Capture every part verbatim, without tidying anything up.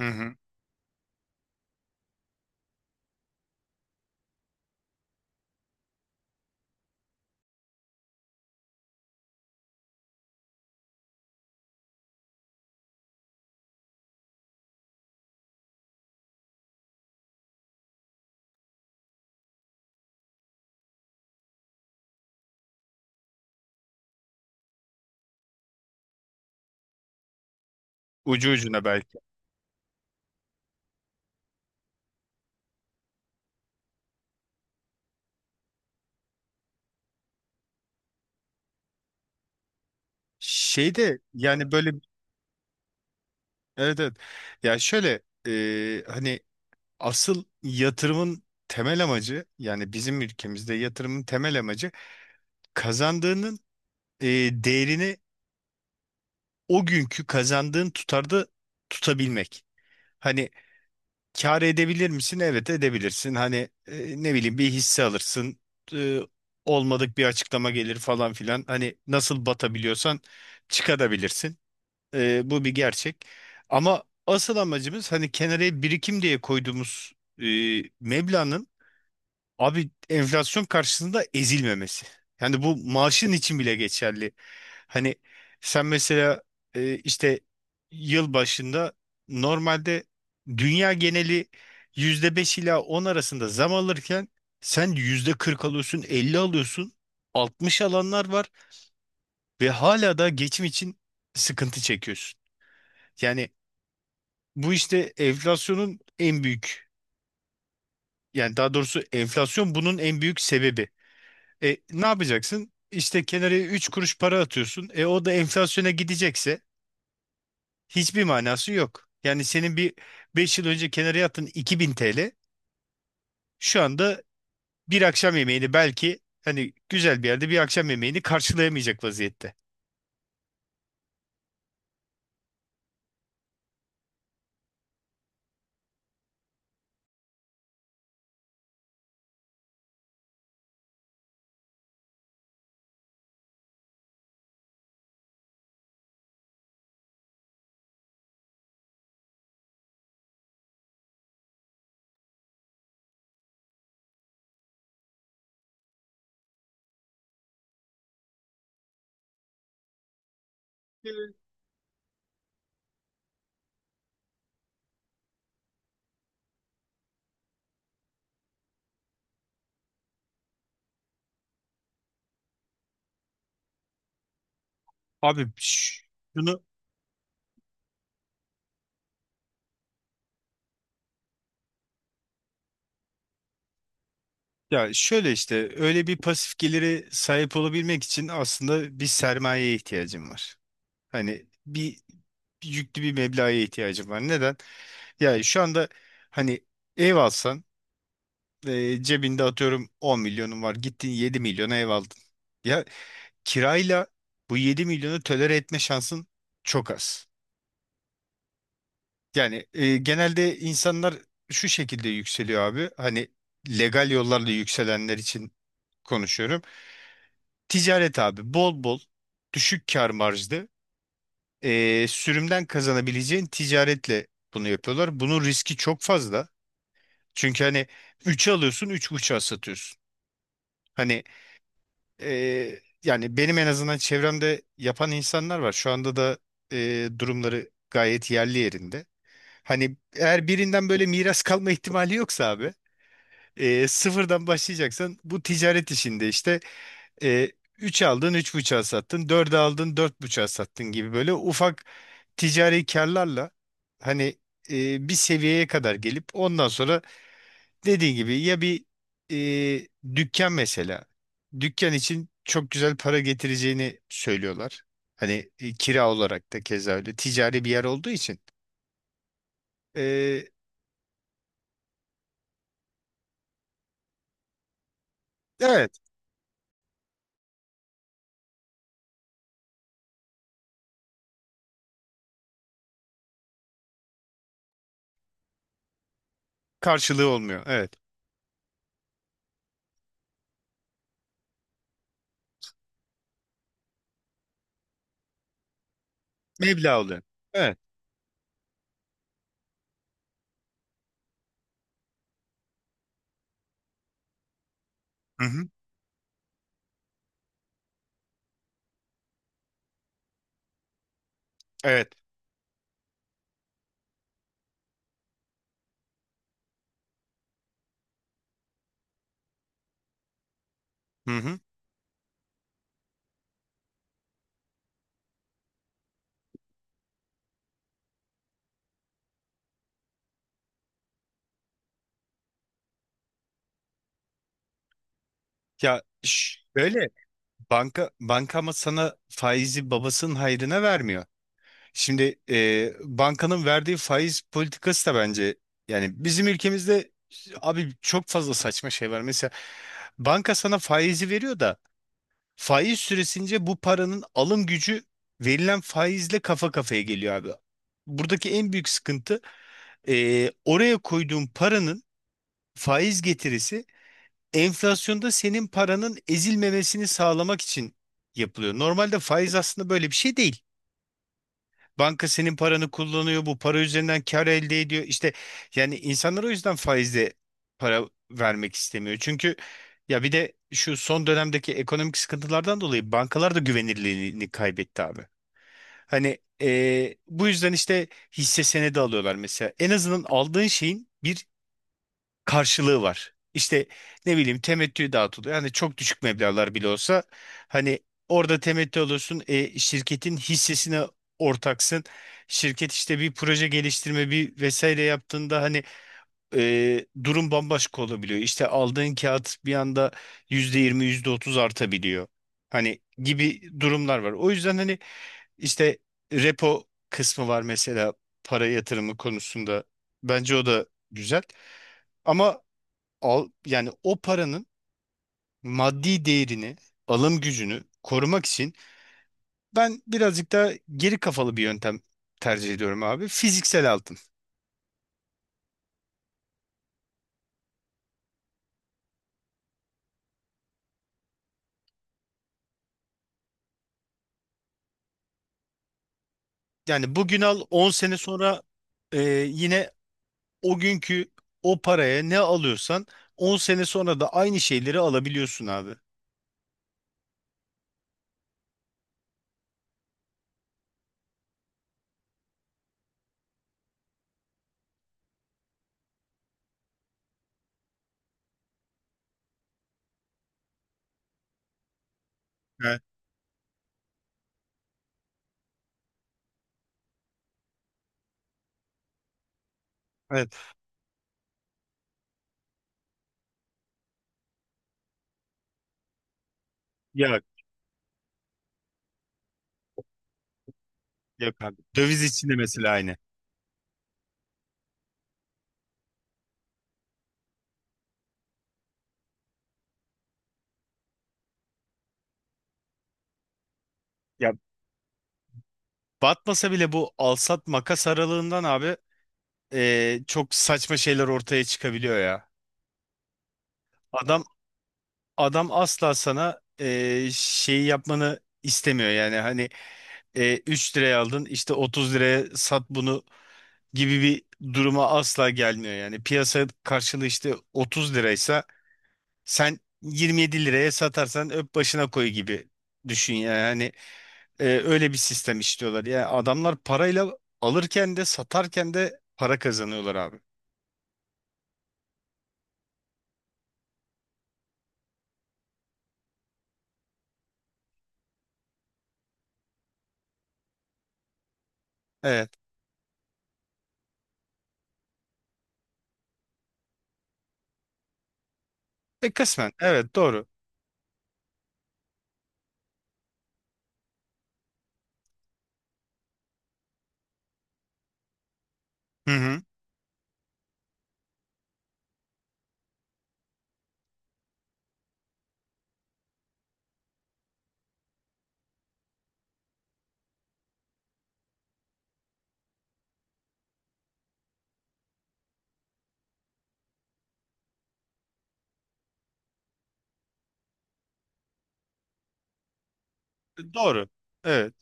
Hı hı. Ucu ucuna belki. Şeyde yani böyle, evet evet. Ya şöyle e, hani asıl yatırımın temel amacı, yani bizim ülkemizde yatırımın temel amacı kazandığının e, değerini o günkü kazandığın tutarda tutabilmek. Hani kâr edebilir misin? Evet, edebilirsin. Hani e, ne bileyim, bir hisse alırsın. E, olmadık bir açıklama gelir falan filan. Hani nasıl batabiliyorsan çıkabilirsin. Ee, bu bir gerçek. Ama asıl amacımız hani kenara birikim diye koyduğumuz e, meblağın, abi, enflasyon karşısında ezilmemesi. Yani bu maaşın için bile geçerli. Hani sen mesela e, işte yıl başında, normalde dünya geneli yüzde beş ila on arasında zam alırken sen yüzde kırk alıyorsun, elli alıyorsun, altmış alanlar var ve hala da geçim için sıkıntı çekiyorsun. Yani bu işte enflasyonun en büyük, yani daha doğrusu enflasyon bunun en büyük sebebi. E, ne yapacaksın? İşte kenara üç kuruş para atıyorsun. E o da enflasyona gidecekse hiçbir manası yok. Yani senin bir beş yıl önce kenara attığın iki bin T L şu anda bir akşam yemeğini, belki hani güzel bir yerde bir akşam yemeğini karşılayamayacak vaziyette. Abi, ş- şunu ya şöyle işte öyle bir pasif geliri sahip olabilmek için aslında bir sermayeye ihtiyacım var. Hani bir yüklü bir meblağa ihtiyacım var. Neden? Yani şu anda hani ev alsan, e, cebinde atıyorum on milyonun var. Gittin yedi milyona ev aldın. Ya, kirayla bu yedi milyonu tolere etme şansın çok az. Yani e, genelde insanlar şu şekilde yükseliyor abi. Hani legal yollarla yükselenler için konuşuyorum. Ticaret abi, bol bol düşük kar marjlı e, sürümden kazanabileceğin ticaretle bunu yapıyorlar. Bunun riski çok fazla. Çünkü hani üçe alıyorsun, üç buçuğa satıyorsun. Hani e, yani benim en azından çevremde yapan insanlar var. Şu anda da e, durumları gayet yerli yerinde. Hani eğer birinden böyle miras kalma ihtimali yoksa abi, e, sıfırdan başlayacaksan bu ticaret işinde işte. E, üç aldın, üç buçuğa sattın, dört aldın, dört buçuğa sattın gibi böyle ufak ticari karlarla hani e, bir seviyeye kadar gelip ondan sonra dediğin gibi ya bir e, dükkan mesela. Dükkan için çok güzel para getireceğini söylüyorlar. Hani e, kira olarak da keza öyle. Ticari bir yer olduğu için. E, evet. Karşılığı olmuyor. Evet. Meblağ oluyor. Evet. Hı hı. Evet. Hı hı. Ya şöyle, Banka banka ama sana faizi babasının hayrına vermiyor. Şimdi e, bankanın verdiği faiz politikası da bence yani bizim ülkemizde, abi, çok fazla saçma şey var. Mesela banka sana faizi veriyor da faiz süresince bu paranın alım gücü verilen faizle kafa kafaya geliyor abi. Buradaki en büyük sıkıntı, e, oraya koyduğun paranın faiz getirisi enflasyonda senin paranın ezilmemesini sağlamak için yapılıyor. Normalde faiz aslında böyle bir şey değil. Banka senin paranı kullanıyor, bu para üzerinden kar elde ediyor. İşte yani insanlar o yüzden faizle para vermek istemiyor. Çünkü ya bir de şu son dönemdeki ekonomik sıkıntılardan dolayı bankalar da güvenirliliğini kaybetti abi. Hani eee, bu yüzden işte hisse senedi alıyorlar mesela. En azından aldığın şeyin bir karşılığı var. İşte ne bileyim, temettü dağıtılıyor. Hani çok düşük meblağlar bile olsa hani orada temettü alıyorsun. E, şirketin hissesine ortaksın. Şirket işte bir proje geliştirme bir vesaire yaptığında hani e, durum bambaşka olabiliyor. İşte aldığın kağıt bir anda yüzde yirmi yüzde otuz artabiliyor. Hani gibi durumlar var. O yüzden hani işte repo kısmı var mesela para yatırımı konusunda. Bence o da güzel. Ama al, yani o paranın maddi değerini, alım gücünü korumak için ben birazcık daha geri kafalı bir yöntem tercih ediyorum abi. Fiziksel altın. Yani bugün al, on sene sonra e, yine o günkü o paraya ne alıyorsan on sene sonra da aynı şeyleri alabiliyorsun abi. Evet. Evet. Ya, yok abi. Döviz içinde mesela aynı. Ya batmasa bile bu alsat makas aralığından, abi, e, çok saçma şeyler ortaya çıkabiliyor ya. Adam adam asla sana e, şeyi yapmanı istemiyor yani, hani e, üç liraya aldın, işte otuz liraya sat bunu gibi bir duruma asla gelmiyor. Yani piyasa karşılığı işte otuz liraysa, sen yirmi yedi liraya satarsan öp başına koy gibi düşün. Yani hani e, öyle bir sistem istiyorlar yani, adamlar parayla alırken de satarken de para kazanıyorlar abi. Evet. E, kısmen evet, doğru. Hı hı. E, doğru. Evet.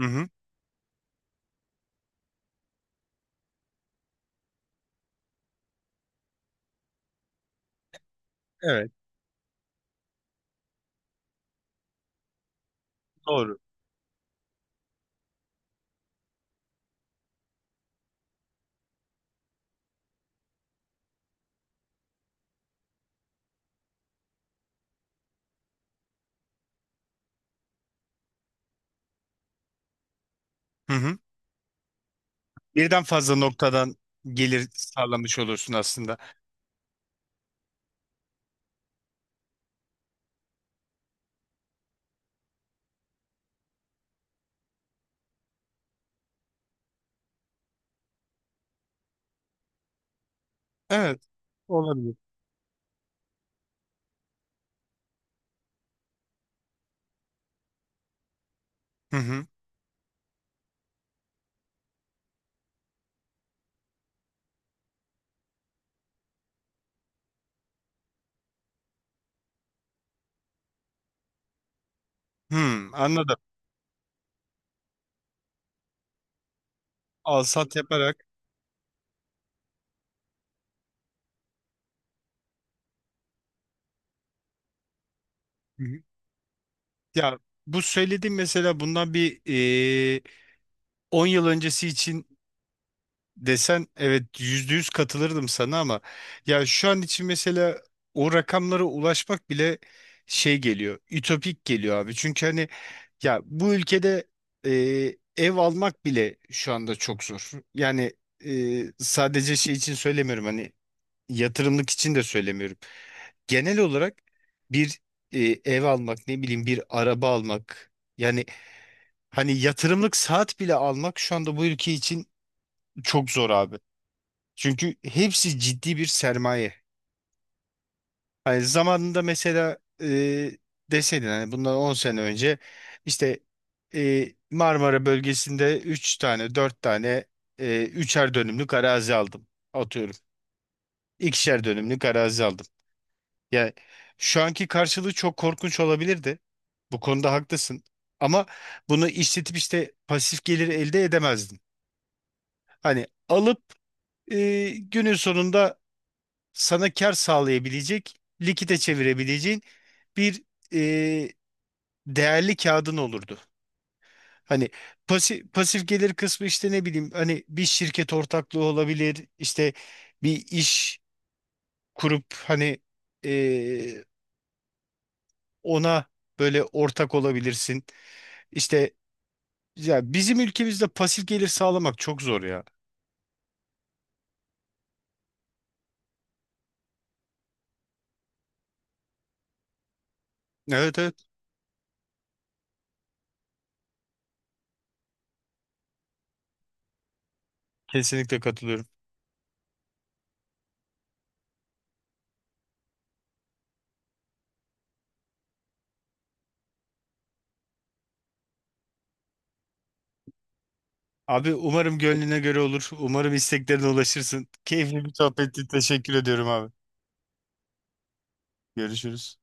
Hı hı. Evet, doğru. Hı hı. Birden fazla noktadan gelir sağlamış olursun aslında. Evet, olabilir. Hı hı. Hmm, anladım. Al sat yaparak. Hı hı. Ya bu söylediğim mesela, bundan bir e, on yıl öncesi için desen, evet, yüzde yüz katılırdım sana. Ama ya şu an için mesela o rakamlara ulaşmak bile şey geliyor, ütopik geliyor abi. Çünkü hani ya bu ülkede e, ev almak bile şu anda çok zor. Yani e, sadece şey için söylemiyorum, hani yatırımlık için de söylemiyorum. Genel olarak bir e, ev almak, ne bileyim bir araba almak, yani hani yatırımlık saat bile almak şu anda bu ülke için çok zor abi. Çünkü hepsi ciddi bir sermaye. Hani zamanında mesela e, deseydin, hani bundan on sene önce, işte e, Marmara bölgesinde üç tane dört tane e, üçer dönümlük arazi aldım. Atıyorum. İkişer dönümlük arazi aldım. Yani şu anki karşılığı çok korkunç olabilirdi. Bu konuda haklısın. Ama bunu işletip işte pasif gelir elde edemezdin. Hani alıp e, günün sonunda sana kar sağlayabilecek, likite çevirebileceğin bir e, değerli kağıdın olurdu. Hani pasif, pasif gelir kısmı işte, ne bileyim, hani bir şirket ortaklığı olabilir, işte bir iş kurup hani e, ona böyle ortak olabilirsin. İşte ya bizim ülkemizde pasif gelir sağlamak çok zor ya. Evet, evet, kesinlikle katılıyorum. Abi, umarım gönlüne göre olur. Umarım isteklerine ulaşırsın. Keyifli bir sohbetti. Teşekkür ediyorum abi. Görüşürüz.